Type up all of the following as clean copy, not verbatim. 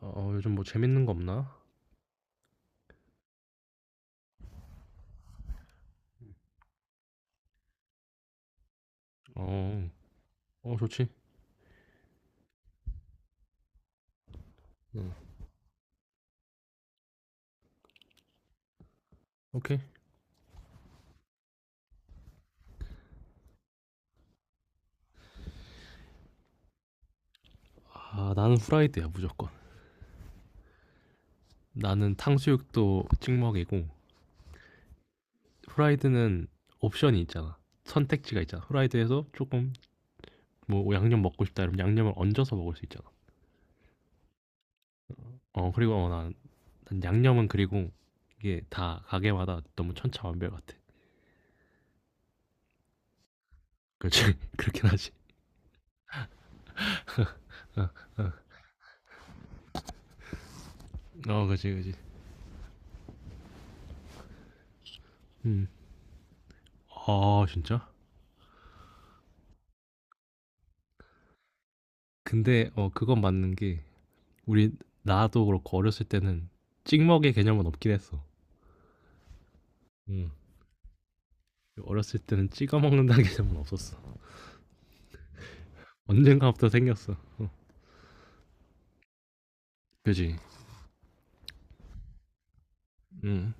요즘 뭐 재밌는 거 없나? 어, 어, 좋지. 응, 오케이. 아, 나는 후라이드야, 무조건. 나는 탕수육도 찍먹이고, 후라이드는 옵션이 있잖아. 선택지가 있잖아. 후라이드에서 조금, 뭐, 양념 먹고 싶다 이러면 양념을 얹어서 먹을 수 있잖아. 그리고 난 양념은 그리고 이게 다 가게마다 너무 천차만별 같아. 그렇지. 그렇긴 하지. 어, 어 그렇지, 그렇지. 음. 아, 진짜? 근데, 그건 맞는 게, 우리 나도 그렇고 어렸을 때는 찍먹의 개념은 없긴 했어. 응. 어렸을 때는 찍어 먹는다는 개념은 없었어. 언젠가부터 생겼어. 어. 그지. 응.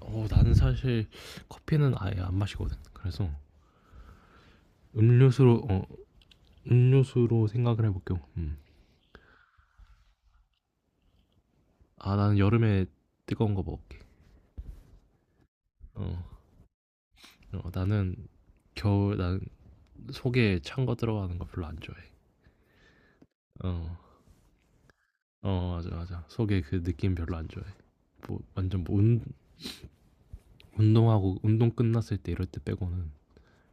나는 사실 커피는 아예 안 마시거든. 그래서 음료수로 어, 음료수로 생각을 해볼게요. 음. 아, 나는 여름에 뜨거운 거 먹을게. 어. 나는 겨울 난 속에 찬 거 들어가는 거 별로 안 좋아해. 어. 어 맞아 맞아 속에 그 느낌 별로 안 좋아해 뭐 완전 뭐 운, 운동하고 운동 끝났을 때 이럴 때 빼고는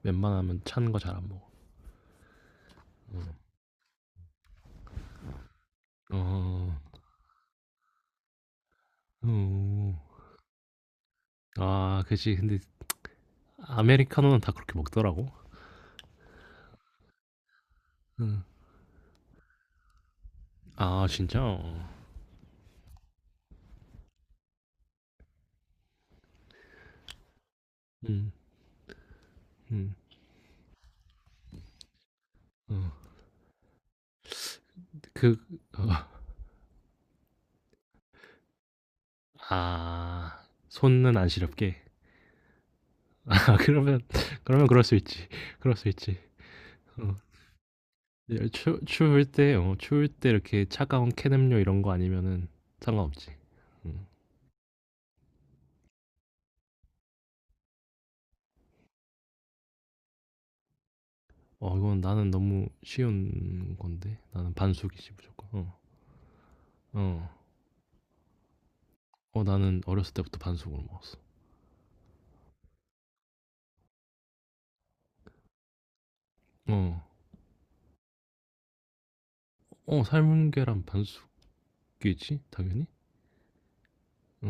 웬만하면 찬 거 잘 안 먹어. 응. 어. 어. 어. 아, 그치. 근데 아메리카노는 다 그렇게 먹더라고. 응. 아, 진짜? 어. 응. 응. 어. 그 어. 아. 손은 안 시렵게. 아, 그러면 그러면 그럴 수 있지. 그럴 수 있지. 어. 예, 추울 때 이렇게 차가운 캔 음료 이런 거 아니면은 상관없지. 응. 어 이건 나는 너무 쉬운 건데. 나는 반숙이지 무조건. 어. 어. 어 나는 어렸을 때부터 반숙으로 먹었어. 어. 어 삶은 계란 반숙이지 당연히. 어.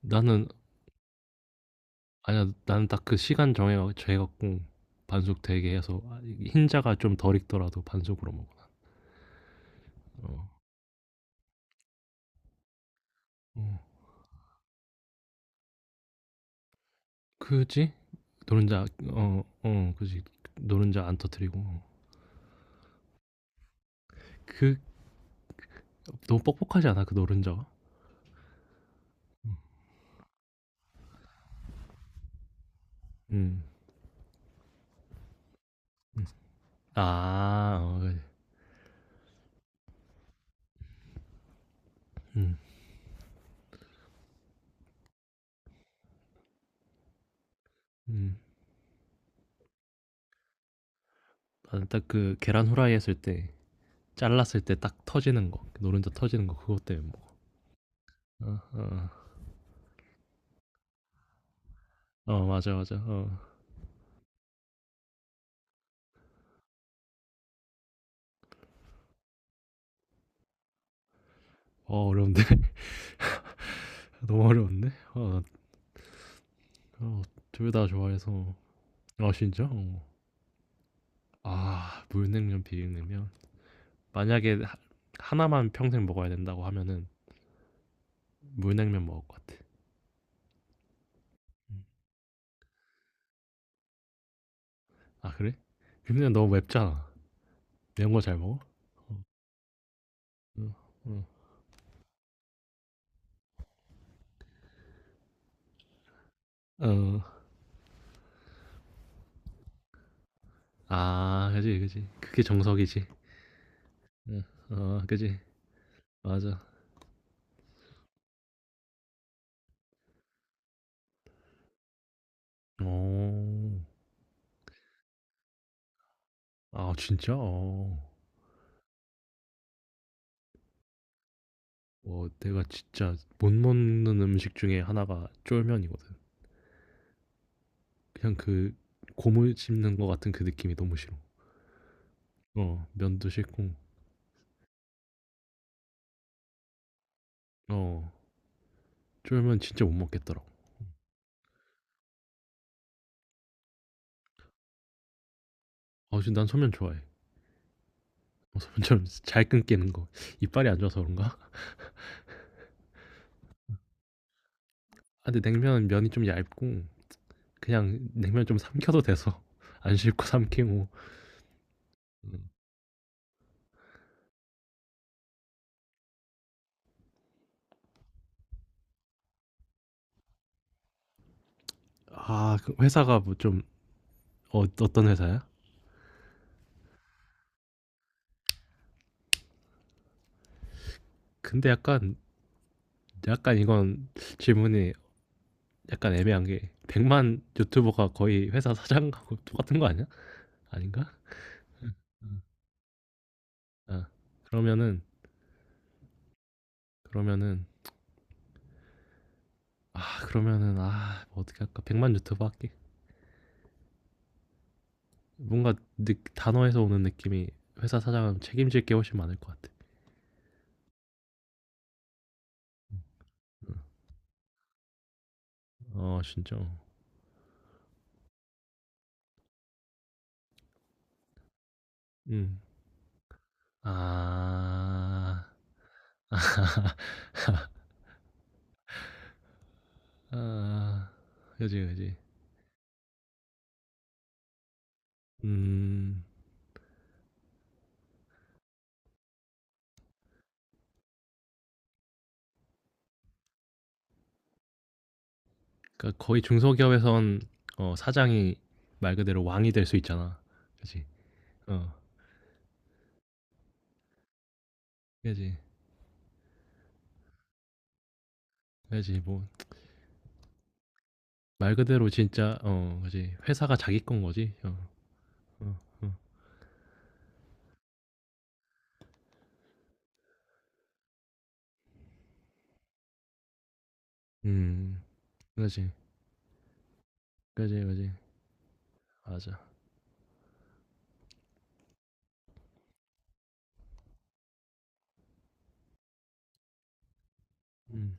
나는 아니야. 나는 딱 그 시간 정해 갖고 반숙 되게 해서 아 이 흰자가 좀 덜 익더라도 반숙으로 먹어. 어. 어. 그지? 노른자 어 어 그지. 노른자 안 터뜨리고. 어. 그 너무 뻑뻑하지 않아? 그 노른자가? 음. 아. 어 그지. 음. 음. 나는 딱 그 계란 후라이 했을 때 잘랐을 때 딱 터지는 거 그 노른자 터지는 거 그것 때문에 먹어 어, 어, 어 맞아 맞아 어, 어 어려운데 너무 어려운데 어, 어, 둘 다 좋아해서 아 진짜 어. 아 물냉면 비빔냉면 만약에 하나만 평생 먹어야 된다고 하면은 물냉면 먹을 것 같아 음. 아 그래 비빔냉면 너무 맵잖아 매운 거 잘 먹어 어, 어, 어. 어. 아, 그지, 그지. 그게 정석이지. 어, 어, 그지. 맞아. 어. 아 진짜? 어. 어 내가 진짜 못 먹는 음식 중에 하나가 쫄면이거든. 그냥 그 고물 씹는 것 같은 그 느낌이 너무 싫어. 어. 면도 싫고. 어. 쫄면 진짜 못 먹겠더라고. 아 진짜 난 소면 좋아해. 어 소면처럼 잘 끊기는 거. 이빨이 안 좋아서 그런가? 아 근데 냉면은 면이 좀 얇고 그냥 냉면 좀 삼켜도 돼서 안 씹고 삼키고. 음. 아 그 회사가 뭐 좀 어떤 회사야? 근데 약간 이건 질문이 약간 애매한 게 100만 유튜버가 거의 회사 사장하고 똑같은 거 아니야? 아닌가? 아 그러면은 그러면은 아 그러면은 아뭐 어떻게 할까? 100만 유튜버 할게. 뭔가 단어에서 오는 느낌이 회사 사장은 책임질 게 훨씬 많을 것 같아. 어 진짜. 음. 아. 아. 그지 그지. 음. 그러니까 거의 중소기업에선 사장이 말 그대로 왕이 될 수 있잖아. 그지? 어. 그지. 그지. 뭐 말 그대로 진짜 그지. 회사가 자기 건 거지. 어. 어. 어. 음. 그지. 그지, 그지. 맞아. 음.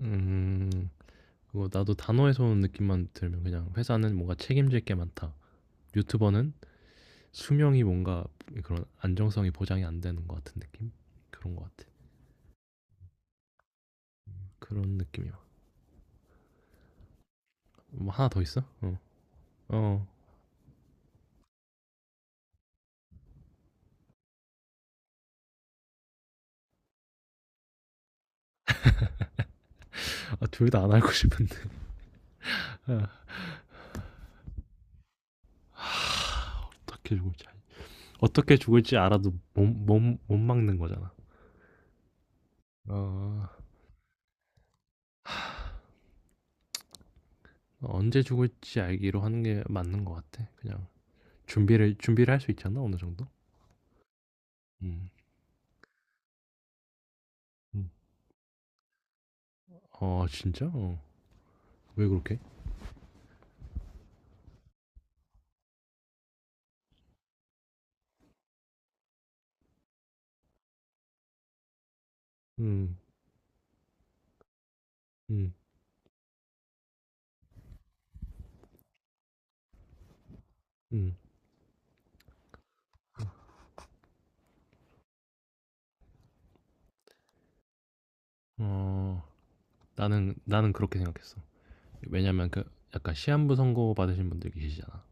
음. 뭐 나도 단어에서 오는 느낌만 들면 그냥 '회사는 뭔가 책임질 게 많다.' 유튜버는 수명이 뭔가 그런 안정성이 보장이 안 되는 것 같은 느낌? 그런 것 같아. 그런 느낌이야. 뭐나더 있어? 어. 어. 아 둘 다 안 알고 싶은데 어떻게 죽을지 알 어떻게 죽을지 알아도 못 막는 거잖아. 어. 언제 죽을지 알기로 하는 게 맞는 것 같아. 그냥 준비를 할 수 있잖아 어느 정도. 음. 음. 어 진짜? 어. 왜 그렇게? 음. 음. 음. 어 나는 그렇게 생각했어. 왜냐면 그 약간 시한부 선고 받으신 분들 계시잖아.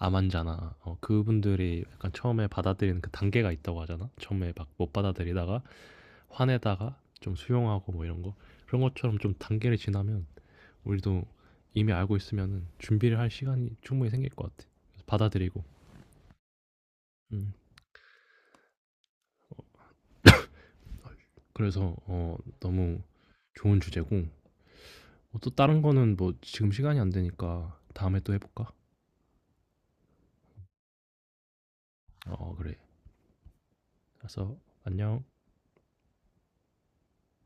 암환자나 그분들이 약간 처음에 받아들이는 그 단계가 있다고 하잖아. 처음에 막 못 받아들이다가 화내다가 좀 수용하고 뭐 이런 거 그런 것처럼 좀 단계를 지나면 우리도 이미 알고 있으면 준비를 할 시간이 충분히 생길 것 같아. 그래서 받아들이고. 음. 그래서 너무 좋은 주제고 또 다른 거는 뭐 지금 시간이 안 되니까 다음에 또 해볼까? 어 그래. 알았어. 안녕.